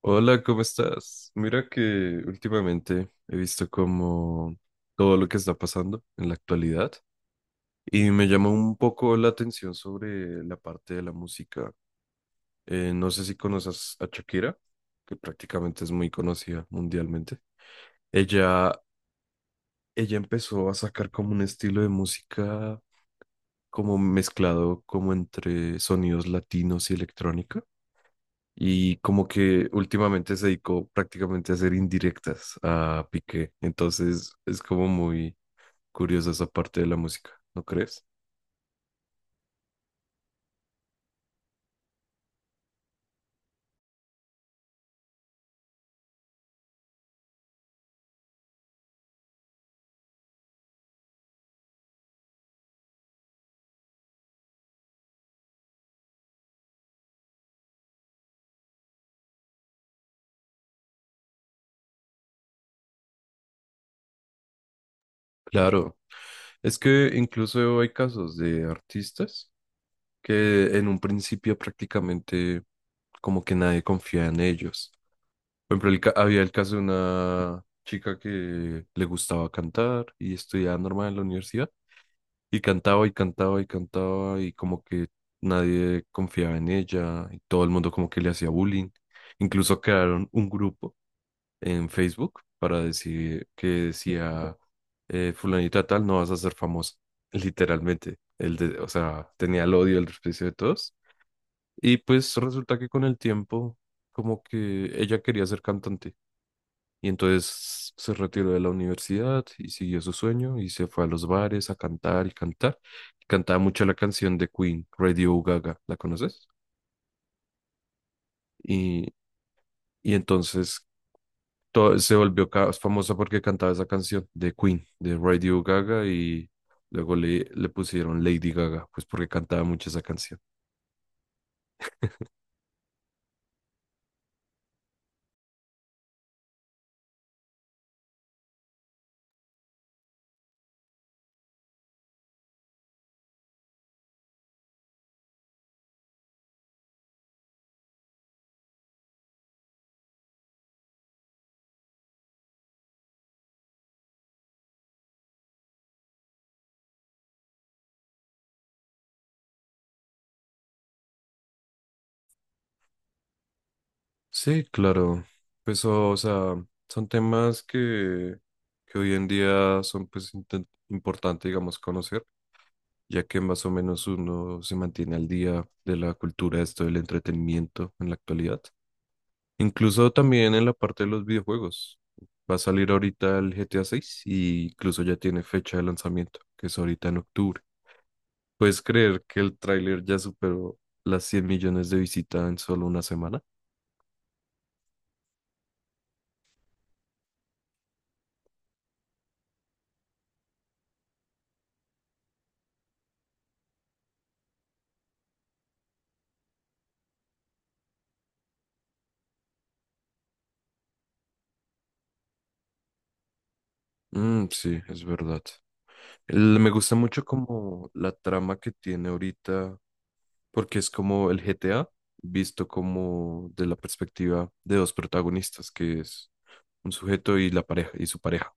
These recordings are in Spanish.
Hola, ¿cómo estás? Mira que últimamente he visto como todo lo que está pasando en la actualidad y me llama un poco la atención sobre la parte de la música. No sé si conoces a Shakira, que prácticamente es muy conocida mundialmente. Ella, ella empezó a sacar como un estilo de música como mezclado como entre sonidos latinos y electrónicos y como que últimamente se dedicó prácticamente a hacer indirectas a Piqué. Entonces es como muy curiosa esa parte de la música, ¿no crees? Claro, es que incluso hay casos de artistas que en un principio prácticamente como que nadie confía en ellos. Por ejemplo, había el caso de una chica que le gustaba cantar y estudiaba normal en la universidad. Y cantaba y cantaba y cantaba y como que nadie confiaba en ella y todo el mundo como que le hacía bullying. Incluso crearon un grupo en Facebook para decir que decía fulanita tal, no vas a ser famosa. Literalmente, o sea, tenía el odio, el desprecio de todos. Y pues resulta que con el tiempo como que ella quería ser cantante y entonces se retiró de la universidad y siguió su sueño y se fue a los bares a cantar y cantar. Cantaba mucho la canción de Queen, Radio Gaga, ¿la conoces? Y, y entonces se volvió famosa porque cantaba esa canción de Queen, de Radio Gaga y luego le pusieron Lady Gaga, pues porque cantaba mucho esa canción. Sí, claro. Pues o sea, son temas que hoy en día son pues importante, digamos, conocer ya que más o menos uno se mantiene al día de la cultura, esto del entretenimiento en la actualidad. Incluso también en la parte de los videojuegos. Va a salir ahorita el GTA 6 y incluso ya tiene fecha de lanzamiento, que es ahorita en octubre. ¿Puedes creer que el tráiler ya superó las 100 millones de visitas en solo una semana? Mm, sí, es verdad. Me gusta mucho como la trama que tiene ahorita porque es como el GTA visto como de la perspectiva de dos protagonistas, que es un sujeto y la pareja y su pareja.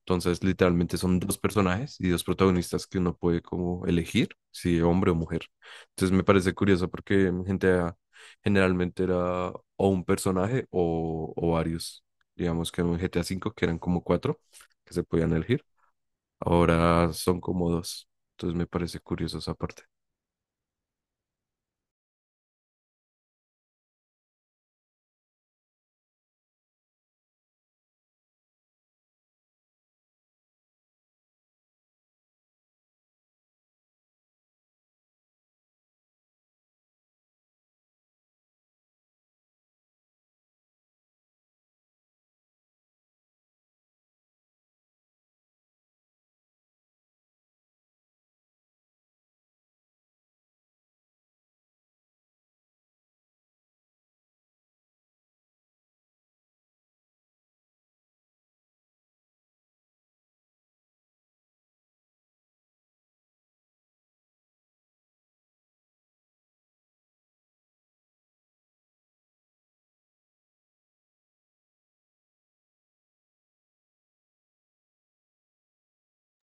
Entonces, literalmente son dos personajes y dos protagonistas que uno puede como elegir si hombre o mujer. Entonces, me parece curioso porque en GTA generalmente era o un personaje o varios. Digamos que en un GTA cinco que eran como cuatro que se podían elegir, ahora son como dos. Entonces, me parece curioso esa parte.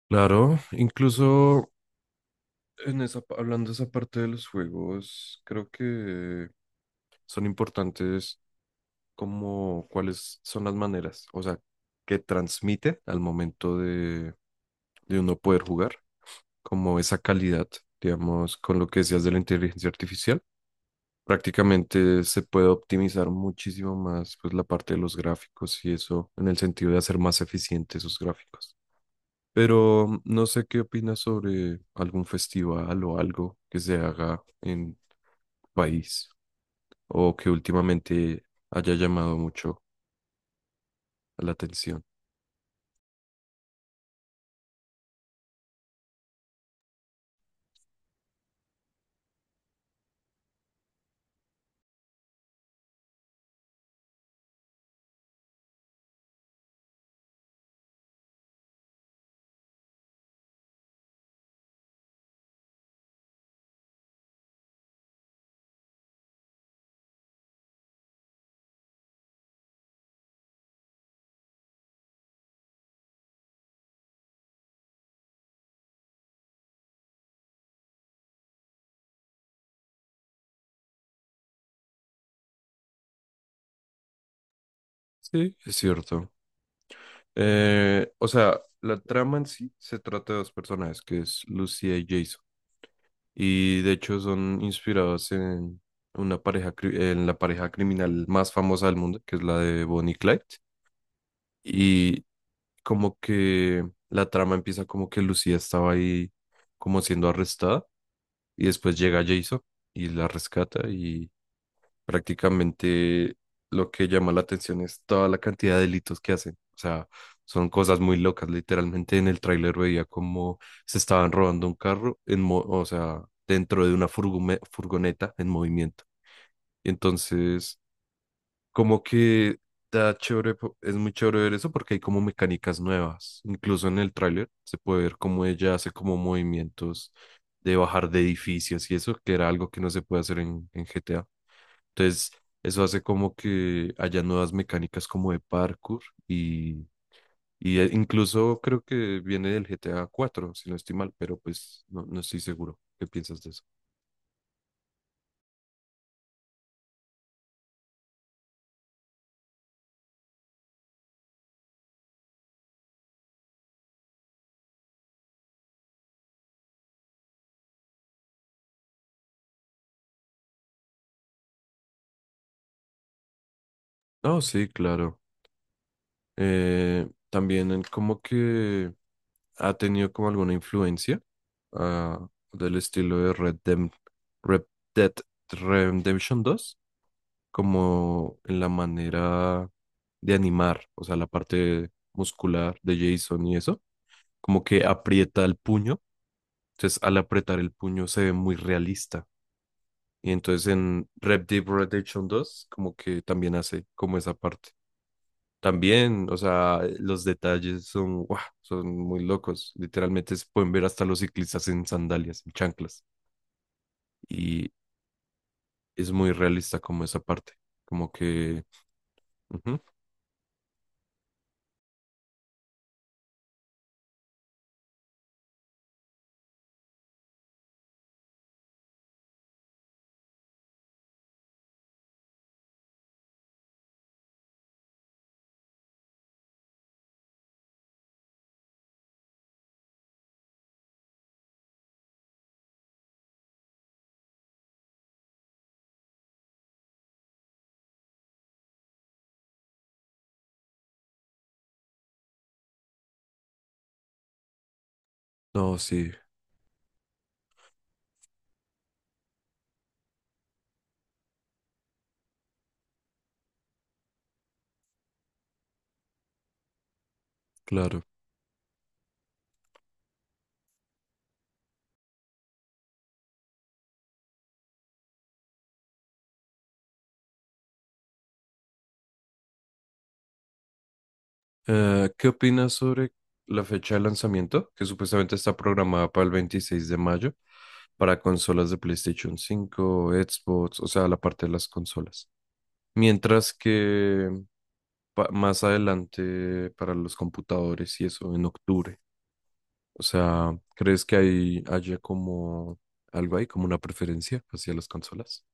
Claro, incluso hablando de esa parte de los juegos, creo que son importantes como cuáles son las maneras, o sea, que transmite al momento de uno poder jugar, como esa calidad, digamos, con lo que decías de la inteligencia artificial. Prácticamente se puede optimizar muchísimo más pues la parte de los gráficos y eso en el sentido de hacer más eficientes esos gráficos. Pero no sé qué opinas sobre algún festival o algo que se haga en tu país o que últimamente haya llamado mucho la atención. Sí, es cierto. O sea, la trama en sí se trata de dos personajes, que es Lucía y Jason. Y de hecho son inspirados en en la pareja criminal más famosa del mundo, que es la de Bonnie y Clyde. Y como que la trama empieza como que Lucía estaba ahí como siendo arrestada y después llega Jason y la rescata y prácticamente lo que llama la atención es toda la cantidad de delitos que hacen. O sea, son cosas muy locas. Literalmente en el tráiler veía como se estaban robando un carro o sea, dentro de una furgoneta en movimiento. Entonces como que está chévere, es muy chévere ver eso porque hay como mecánicas nuevas. Incluso en el tráiler se puede ver cómo ella hace como movimientos de bajar de edificios y eso, que era algo que no se puede hacer en GTA. Entonces, eso hace como que haya nuevas mecánicas como de parkour y incluso creo que viene del GTA 4 si no estoy mal, pero pues no, no estoy seguro. ¿Qué piensas de eso? No, sí, claro. También en como que ha tenido como alguna influencia ah, del estilo de Red Dead Redemption dos como en la manera de animar, o sea, la parte muscular de Jason y eso, como que aprieta el puño, entonces al apretar el puño se ve muy realista. Y entonces en Red Dead Redemption dos como que también hace como esa parte. También, o sea, los detalles son, ¡guau! Son muy locos. Literalmente se pueden ver hasta los ciclistas en sandalias, en chanclas. Y es muy realista como esa parte. Como que... ujú. No, sí, claro. ¿Qué opinas sobre la fecha de lanzamiento? Que supuestamente está programada para el 26 de mayo para consolas de PlayStation 5, Xbox, o sea, la parte de las consolas. Mientras que más adelante para los computadores y eso, en octubre. O sea, ¿crees que haya como algo ahí, como una preferencia hacia las consolas?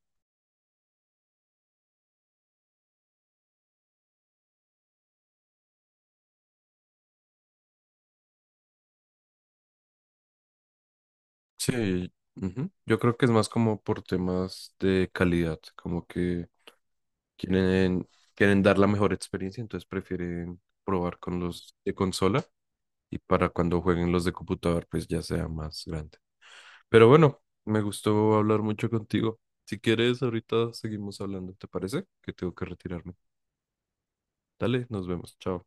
Sí, ujú. Yo creo que es más como por temas de calidad, como que quieren, quieren dar la mejor experiencia, entonces prefieren probar con los de consola y para cuando jueguen los de computador, pues ya sea más grande. Pero bueno, me gustó hablar mucho contigo. Si quieres, ahorita seguimos hablando, ¿te parece? Que tengo que retirarme. Dale, nos vemos. Chao.